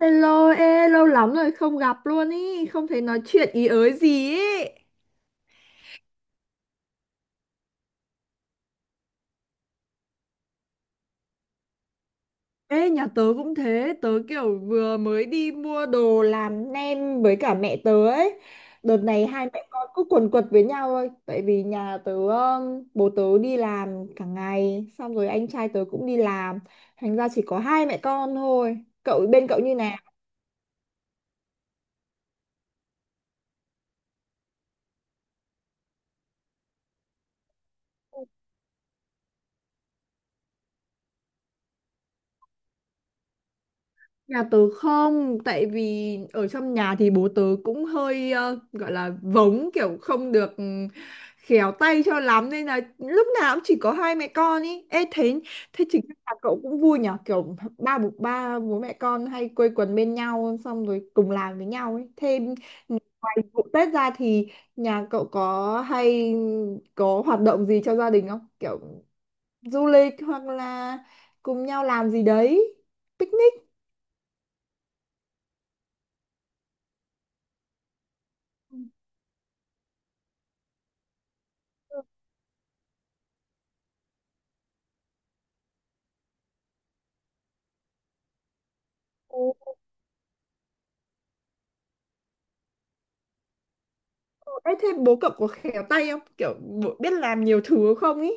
Hello, ê, lâu lắm rồi không gặp luôn ý, không thấy nói chuyện ý ới gì ý. Ê, nhà tớ cũng thế, tớ kiểu vừa mới đi mua đồ làm nem với cả mẹ tớ ấy. Đợt này hai mẹ con cứ quần quật với nhau thôi, tại vì nhà tớ, bố tớ đi làm cả ngày, xong rồi anh trai tớ cũng đi làm, thành ra chỉ có hai mẹ con thôi. Cậu bên cậu như nào? Nhà tớ không, tại vì ở trong nhà thì bố tớ cũng hơi gọi là vống kiểu không được khéo tay cho lắm nên là lúc nào cũng chỉ có hai mẹ con ý. Ê, thế thế chính là cậu cũng vui nhở, kiểu ba bố mẹ con hay quây quần bên nhau xong rồi cùng làm với nhau ấy. Thêm ngoài vụ Tết ra thì nhà cậu có hoạt động gì cho gia đình không? Kiểu du lịch hoặc là cùng nhau làm gì đấy, picnic. Ồ. Ê, thế bố cậu có khéo tay không? Kiểu bố biết làm nhiều thứ không ý?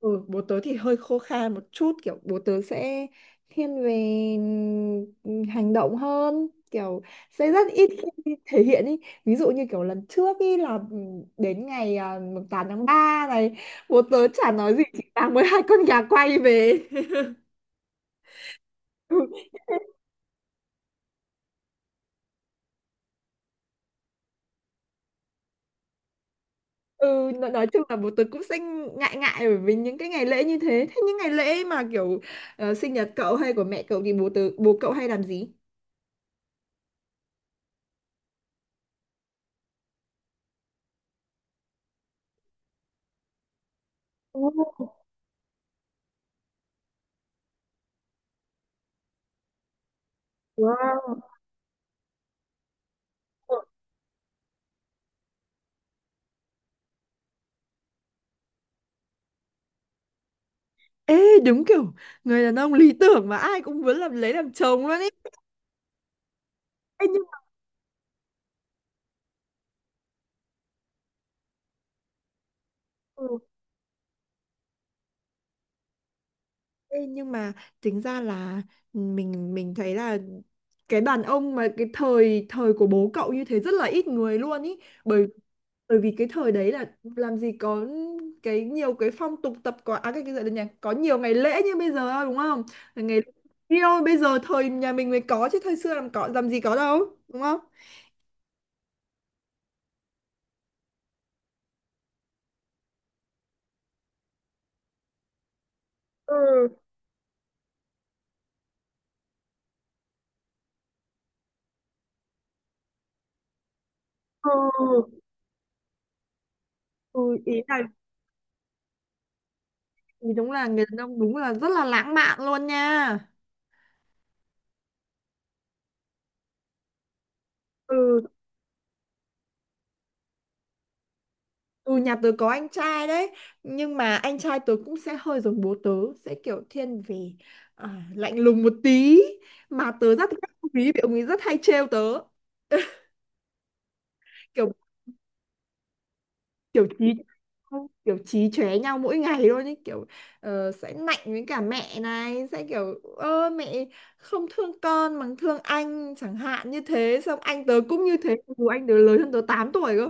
Ừ, bố tớ thì hơi khô khan một chút, kiểu bố tớ sẽ thiên về ừ, hành động hơn, kiểu sẽ rất ít khi thể hiện ý. Ví dụ như kiểu lần trước ý là đến ngày à, mùng 8 tháng 3 này, bố tớ chả nói gì chỉ mang mới hai con gà quay về. Ừ, nói chung là bố tớ cũng sẽ ngại ngại bởi vì những cái ngày lễ như thế. Thế những ngày lễ mà kiểu sinh nhật cậu hay của mẹ cậu thì bố cậu hay làm gì? Ồ. Wow. Ê, đúng kiểu người đàn ông lý tưởng mà ai cũng muốn lấy làm chồng luôn ấy. Ê, nhưng Ê, nhưng mà tính ra là mình thấy là cái đàn ông mà cái thời thời của bố cậu như thế rất là ít người luôn ý, bởi bởi vì cái thời đấy là làm gì có cái nhiều cái phong tục tập quán à, cái gì nhỉ, có nhiều ngày lễ như bây giờ đâu, đúng không? Ngày yêu bây giờ thời nhà mình mới có chứ thời xưa làm gì có đâu, đúng không? Ừ, ừ, ừ, ý là thì đúng là người đàn ông đúng là rất là lãng mạn luôn nha. Ừ. Ừ, nhà tớ có anh trai đấy, nhưng mà anh trai tớ cũng sẽ hơi giống bố tớ, sẽ kiểu thiên về à, lạnh lùng một tí mà tớ rất thích ông ý vì ông ấy rất hay trêu tớ. kiểu kiểu chí Kiểu chí chóe nhau mỗi ngày luôn ấy, kiểu sẽ nạnh với cả mẹ này, sẽ kiểu ơ mẹ không thương con mà thương anh chẳng hạn, như thế xong anh tớ cũng như thế dù anh tớ lớn hơn tớ 8 tuổi cơ.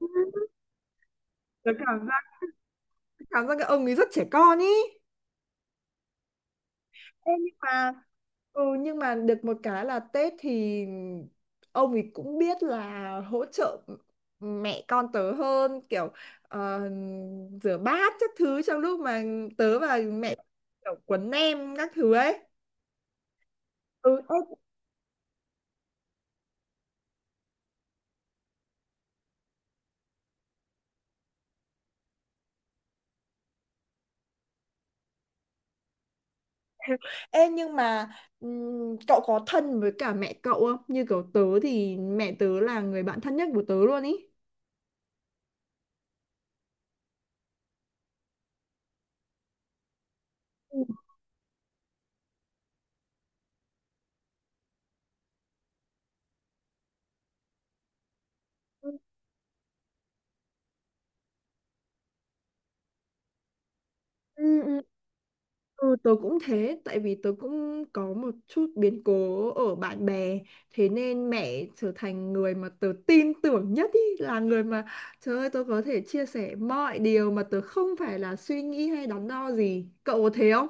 Ừ. Tớ cảm giác cái ông ấy rất trẻ con ý. Ê, nhưng mà được một cái là Tết thì ông ấy cũng biết là hỗ trợ mẹ con tớ hơn, kiểu ờ, rửa bát các thứ trong lúc mà tớ và mẹ kiểu quấn nem các thứ ấy. Ừ. Ê, ê, nhưng mà cậu có thân với cả mẹ cậu không, như kiểu tớ thì mẹ tớ là người bạn thân nhất của tớ luôn ý. Ừ. Ừ, ừ. Ừ, tớ cũng thế, tại vì tớ cũng có một chút biến cố ở bạn bè, thế nên mẹ trở thành người mà tớ tin tưởng nhất ý, là người mà trời ơi tớ có thể chia sẻ mọi điều mà tớ không phải là suy nghĩ hay đắn đo gì. Cậu có thế không?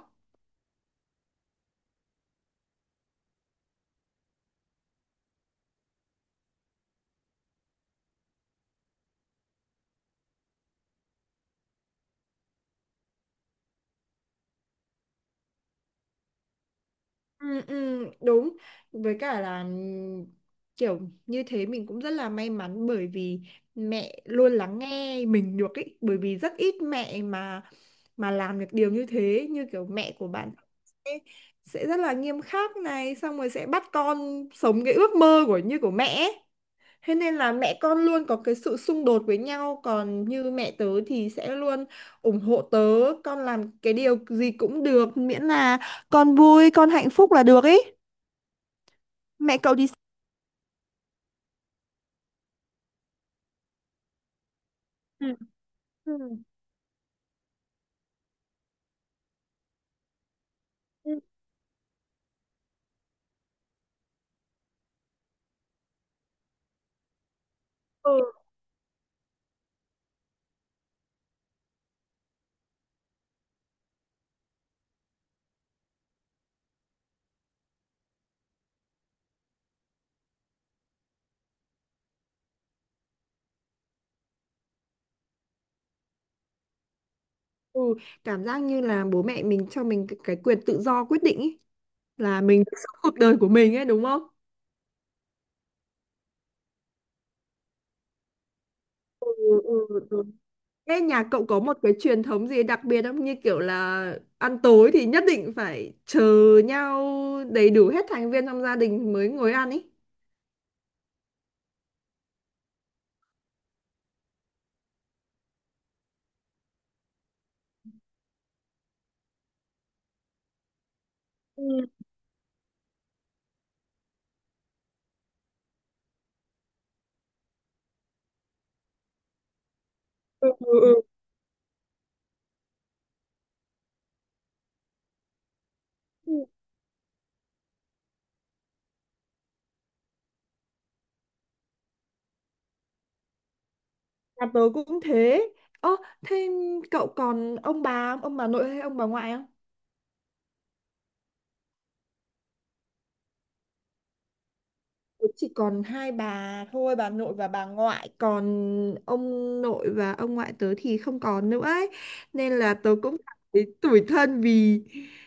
Ừ, ừ, đúng, với cả là kiểu như thế mình cũng rất là may mắn bởi vì mẹ luôn lắng nghe mình được ý, bởi vì rất ít mẹ mà làm được điều như thế, như kiểu mẹ của bạn sẽ, sẽ rất là nghiêm khắc này, xong rồi sẽ bắt con sống cái ước mơ của như của mẹ ấy. Thế nên là mẹ con luôn có cái sự xung đột với nhau, còn như mẹ tớ thì sẽ luôn ủng hộ tớ, con làm cái điều gì cũng được miễn là con vui con hạnh phúc là được ý. Ừ. Ừ. Ừ. Ừ. Ừ. Cảm giác như là bố mẹ mình cho mình cái quyền tự do quyết định ý, là mình được sống cuộc đời của mình ấy, đúng không? Ừ, ừ, ừ. Thế nhà cậu có một cái truyền thống gì đặc biệt không? Như kiểu là ăn tối thì nhất định phải chờ nhau đầy đủ hết thành viên trong gia đình mới ngồi ăn ý. Ừ, ừ, ừ. Ừ. Ừ. Nhà tớ cũng thế. Ơ, thế cậu còn ông bà nội hay ông bà ngoại? Chỉ còn hai bà thôi, bà nội và bà ngoại, còn ông nội và ông ngoại tớ thì không còn nữa ấy. Nên là tớ cũng cảm thấy tủi thân vì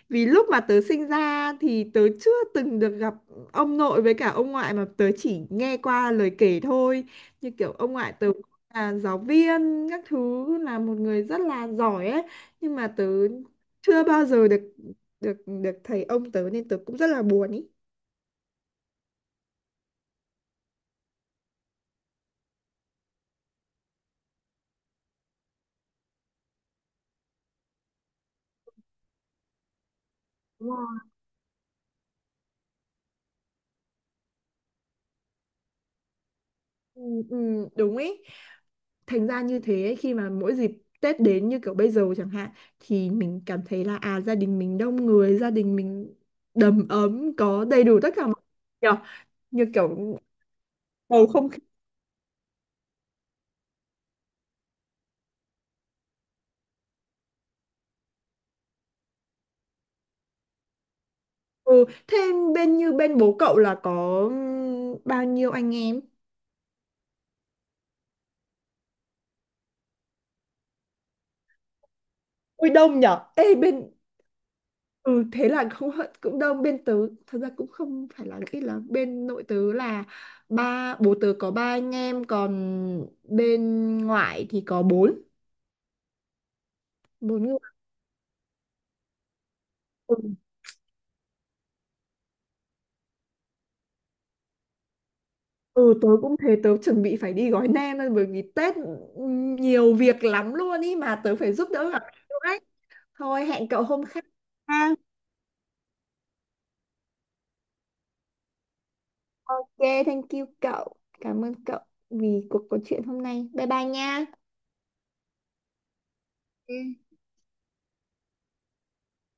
vì lúc mà tớ sinh ra thì tớ chưa từng được gặp ông nội với cả ông ngoại, mà tớ chỉ nghe qua lời kể thôi, như kiểu ông ngoại tớ là giáo viên các thứ, là một người rất là giỏi ấy, nhưng mà tớ chưa bao giờ được được được thấy ông tớ nên tớ cũng rất là buồn ý. Đúng rồi. Ừ, ừ, đúng ý, thành ra như thế khi mà mỗi dịp Tết đến như kiểu bây giờ chẳng hạn thì mình cảm thấy là à, gia đình mình đông người, gia đình mình đầm ấm có đầy đủ tất cả mọi, nhờ như kiểu bầu không khí ừ, thêm như bên bố cậu là có bao nhiêu anh em. Ui đông nhở, ê, bên ừ thế là không hận cũng đông, bên tớ thật ra cũng không phải là ít, là bên nội tớ là bố tớ có ba anh em, còn bên ngoại thì có bốn bốn người. Ừ. Ừ, tớ cũng thế, tớ chuẩn bị phải đi gói nem thôi bởi vì Tết nhiều việc lắm luôn ý mà tớ phải giúp đỡ gặp cậu đấy. Thôi hẹn cậu hôm khác. Ha. Ok, thank you cậu. Cảm ơn cậu vì cuộc trò chuyện hôm nay. Bye bye nha. Ừ.